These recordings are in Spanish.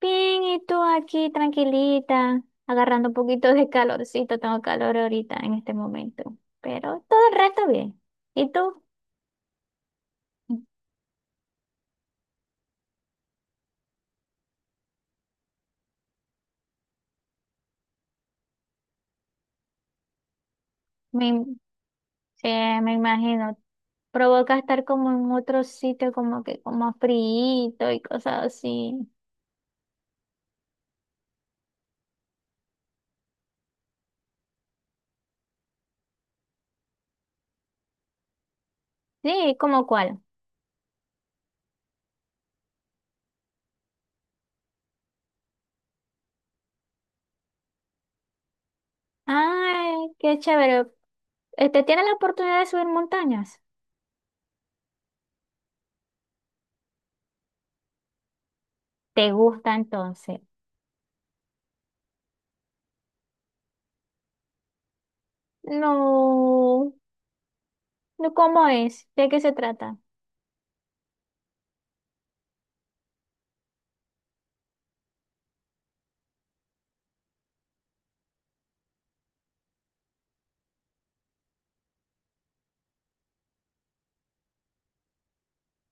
Bien, ¿y tú aquí tranquilita, agarrando un poquito de calorcito? Tengo calor ahorita en este momento, pero todo el resto bien. ¿Y tú? Me, im- sí, me imagino, provoca estar como en otro sitio, como que como frío y cosas así. Sí, ¿como cuál? Ay, qué chévere. Este, ¿tienes la oportunidad de subir montañas? ¿Te gusta entonces? No, no, ¿cómo es? ¿De qué se trata?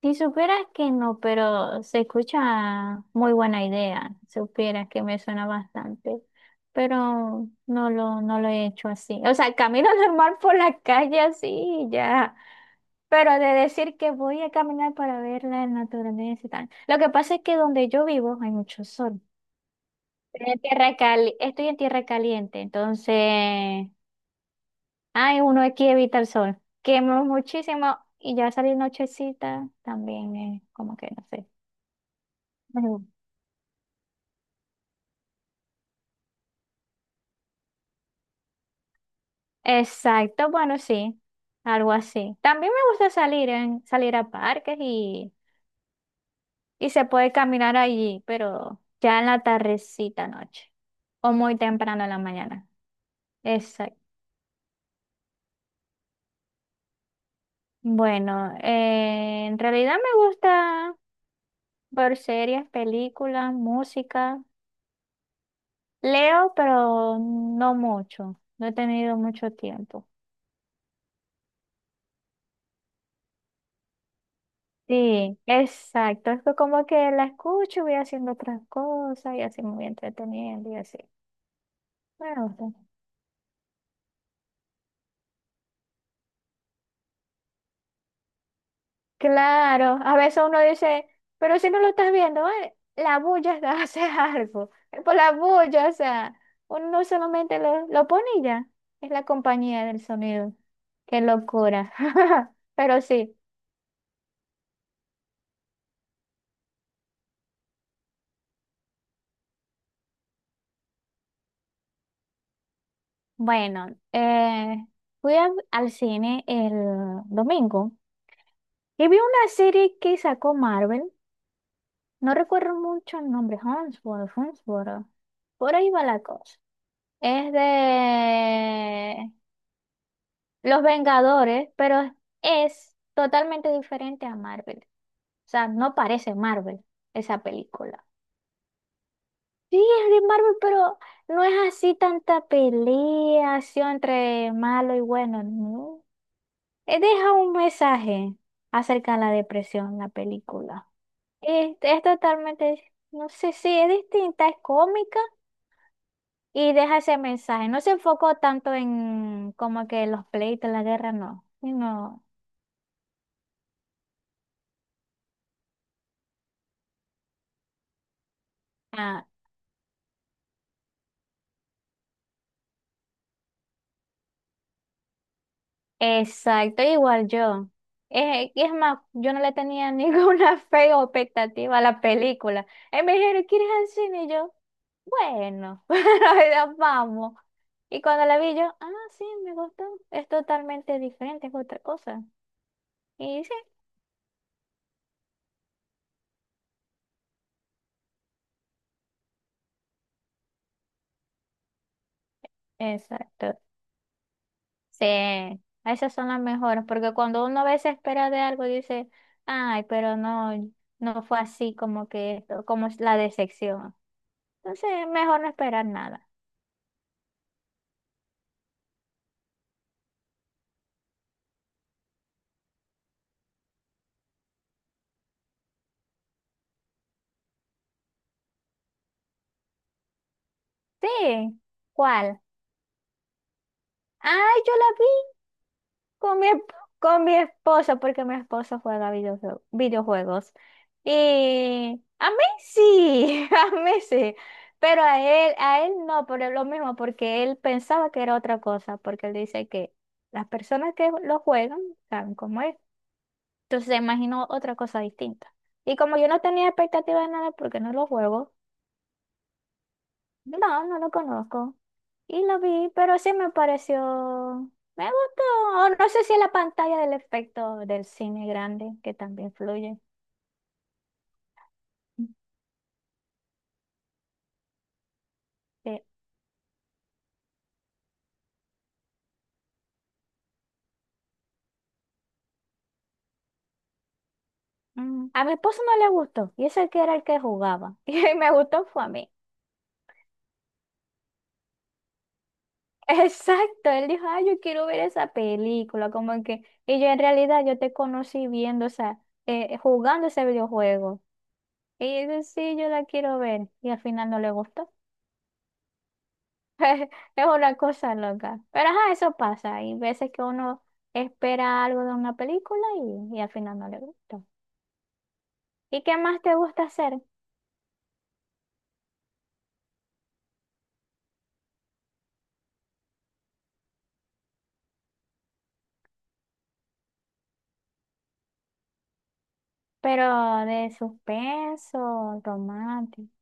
Si supieras que no, pero se escucha muy buena idea, supieras que me suena bastante, pero no lo he hecho así. O sea, camino normal por la calle así, y ya, pero de decir que voy a caminar para ver la naturaleza y tal. Lo que pasa es que donde yo vivo hay mucho sol. Estoy en tierra caliente, entonces, ay, uno aquí evita el sol. Quemo muchísimo y ya salir nochecita también es como que no sé. Exacto, bueno, sí, algo así. También me gusta salir a parques y se puede caminar allí, pero ya en la tardecita noche o muy temprano en la mañana. Exacto. Bueno, en realidad me gusta ver series, películas, música. Leo, pero no mucho. No he tenido mucho tiempo. Sí, exacto. Es que como que la escucho, voy haciendo otras cosas y así me voy entreteniendo y así. Me gusta. Claro, a veces uno dice, pero si no lo estás viendo, la bulla hace algo. Es por la bulla, o sea, uno no solamente lo pone y ya. Es la compañía del sonido. Qué locura. Pero sí, bueno, eh, al cine el domingo y vi una serie que sacó Marvel. No recuerdo mucho el nombre, Hemsworth. Por ahí va la cosa. Es de Los Vengadores, pero es totalmente diferente a Marvel. O sea, no parece Marvel esa película. Sí, es de Marvel, pero no es así tanta pelea así entre malo y bueno, no. Deja un mensaje acerca de la depresión, la película. Es totalmente, no sé si es distinta, es cómica y deja ese mensaje. No se enfocó tanto en como que los pleitos, la guerra, no, sino ah. Exacto, igual yo. Es más, yo no le tenía ninguna fe o expectativa a la película. Y me dijeron, ¿quieres ir al cine? Y yo, bueno, ya vamos. Y cuando la vi yo, ah, sí, me gustó. Es totalmente diferente, es otra cosa. Y sí, exacto. Sí, esas son las mejores, porque cuando uno a veces espera de algo, dice, ay, pero no, no fue así como que esto, como es la decepción. Entonces, mejor no esperar nada. Sí, ¿cuál? Ah, yo la vi con mi, esp- con mi esposo, porque mi esposo juega videojuegos. Y a mí sí, a mí sí, pero a él no, por lo mismo, porque él pensaba que era otra cosa, porque él dice que las personas que lo juegan saben cómo es. Entonces se imaginó otra cosa distinta. Y como yo no tenía expectativa de nada porque no lo juego, no, no lo conozco. Y lo vi, pero sí me pareció, me gustó. O no sé si es la pantalla del efecto del cine grande que también influye. Sí. Mm, a mi esposo no le gustó, y ese que era el que jugaba. Y me gustó fue a mí. Exacto, él dijo, ay, yo quiero ver esa película, como que, y yo en realidad yo te conocí viendo, o sea, jugando ese videojuego. Y yo, sí, yo la quiero ver, y al final no le gustó. Es una cosa loca. Pero ajá, eso pasa. Hay veces que uno espera algo de una película y al final no le gusta. ¿Y qué más te gusta hacer? Pero de suspenso, romántico.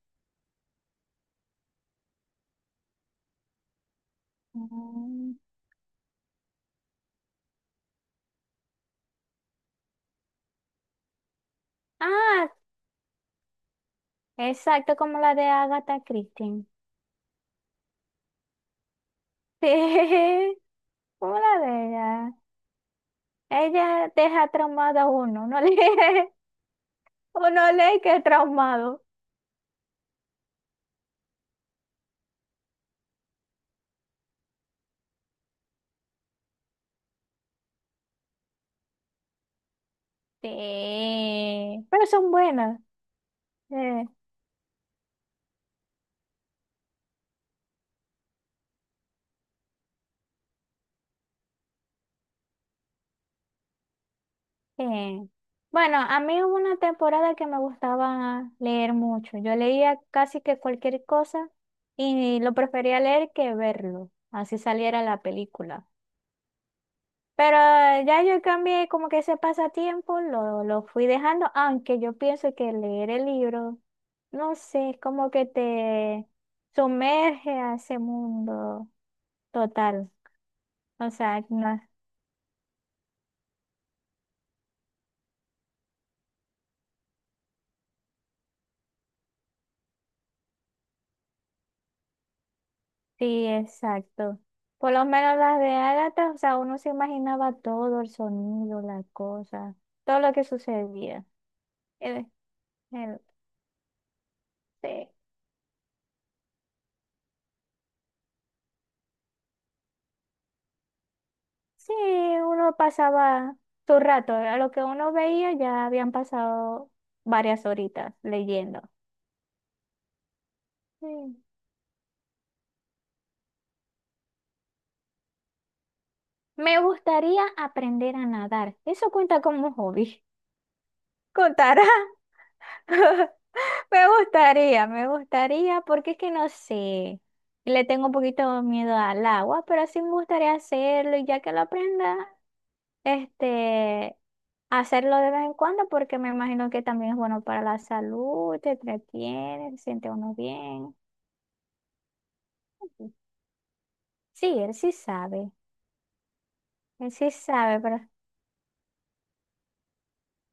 Mm. Ah, exacto, como la de Agatha Christie. Sí, como la de ella. Ella deja traumado a uno. Uno lee, uno lee que es traumado. Sí, pero son buenas. Sí. Sí. Bueno, a mí hubo una temporada que me gustaba leer mucho. Yo leía casi que cualquier cosa y lo prefería leer que verlo, así saliera la película. Pero ya yo cambié como que ese pasatiempo, lo fui dejando, aunque yo pienso que leer el libro, no sé, es como que te sumerge a ese mundo total. O sea, no, sí, exacto. Por lo menos las de Agatha, o sea, uno se imaginaba todo, el sonido, la cosa, todo lo que sucedía. El- el- sí, sí, uno pasaba su rato, a lo que uno veía ya habían pasado varias horitas leyendo. Sí. Me gustaría aprender a nadar. Eso cuenta como hobby. ¿Contará? Me gustaría, porque es que no sé, le tengo un poquito de miedo al agua, pero sí me gustaría hacerlo y ya que lo aprenda, este, hacerlo de vez en cuando, porque me imagino que también es bueno para la salud, te entretiene, se siente uno bien. Sí, él sí sabe, pero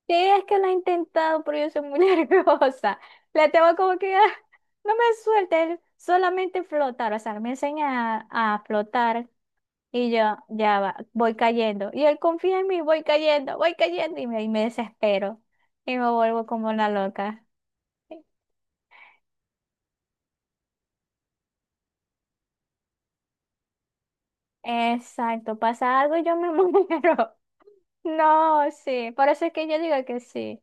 sí es que lo ha intentado, pero yo soy muy nerviosa. Le tengo como que, "Ah, no me suelte, él solamente flotar, o sea, me enseña a flotar. Y yo, ya va, voy cayendo. Y él confía en mí, voy cayendo, voy cayendo. Y me desespero. Y me vuelvo como una loca. Exacto, pasa algo y yo me muero. No, sí. Por eso es que yo digo que sí.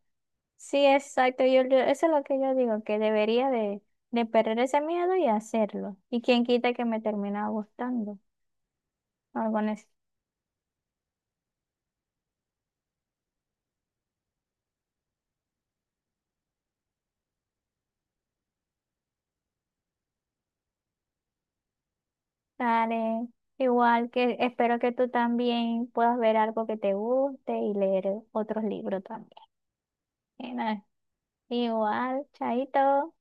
Sí, exacto. Yo, eso es lo que yo digo, que debería de perder ese miedo y hacerlo. Y quién quita que me termina gustando. Algo necesario. Igual que espero que tú también puedas ver algo que te guste y leer otros libros también. Bueno, igual, chaito.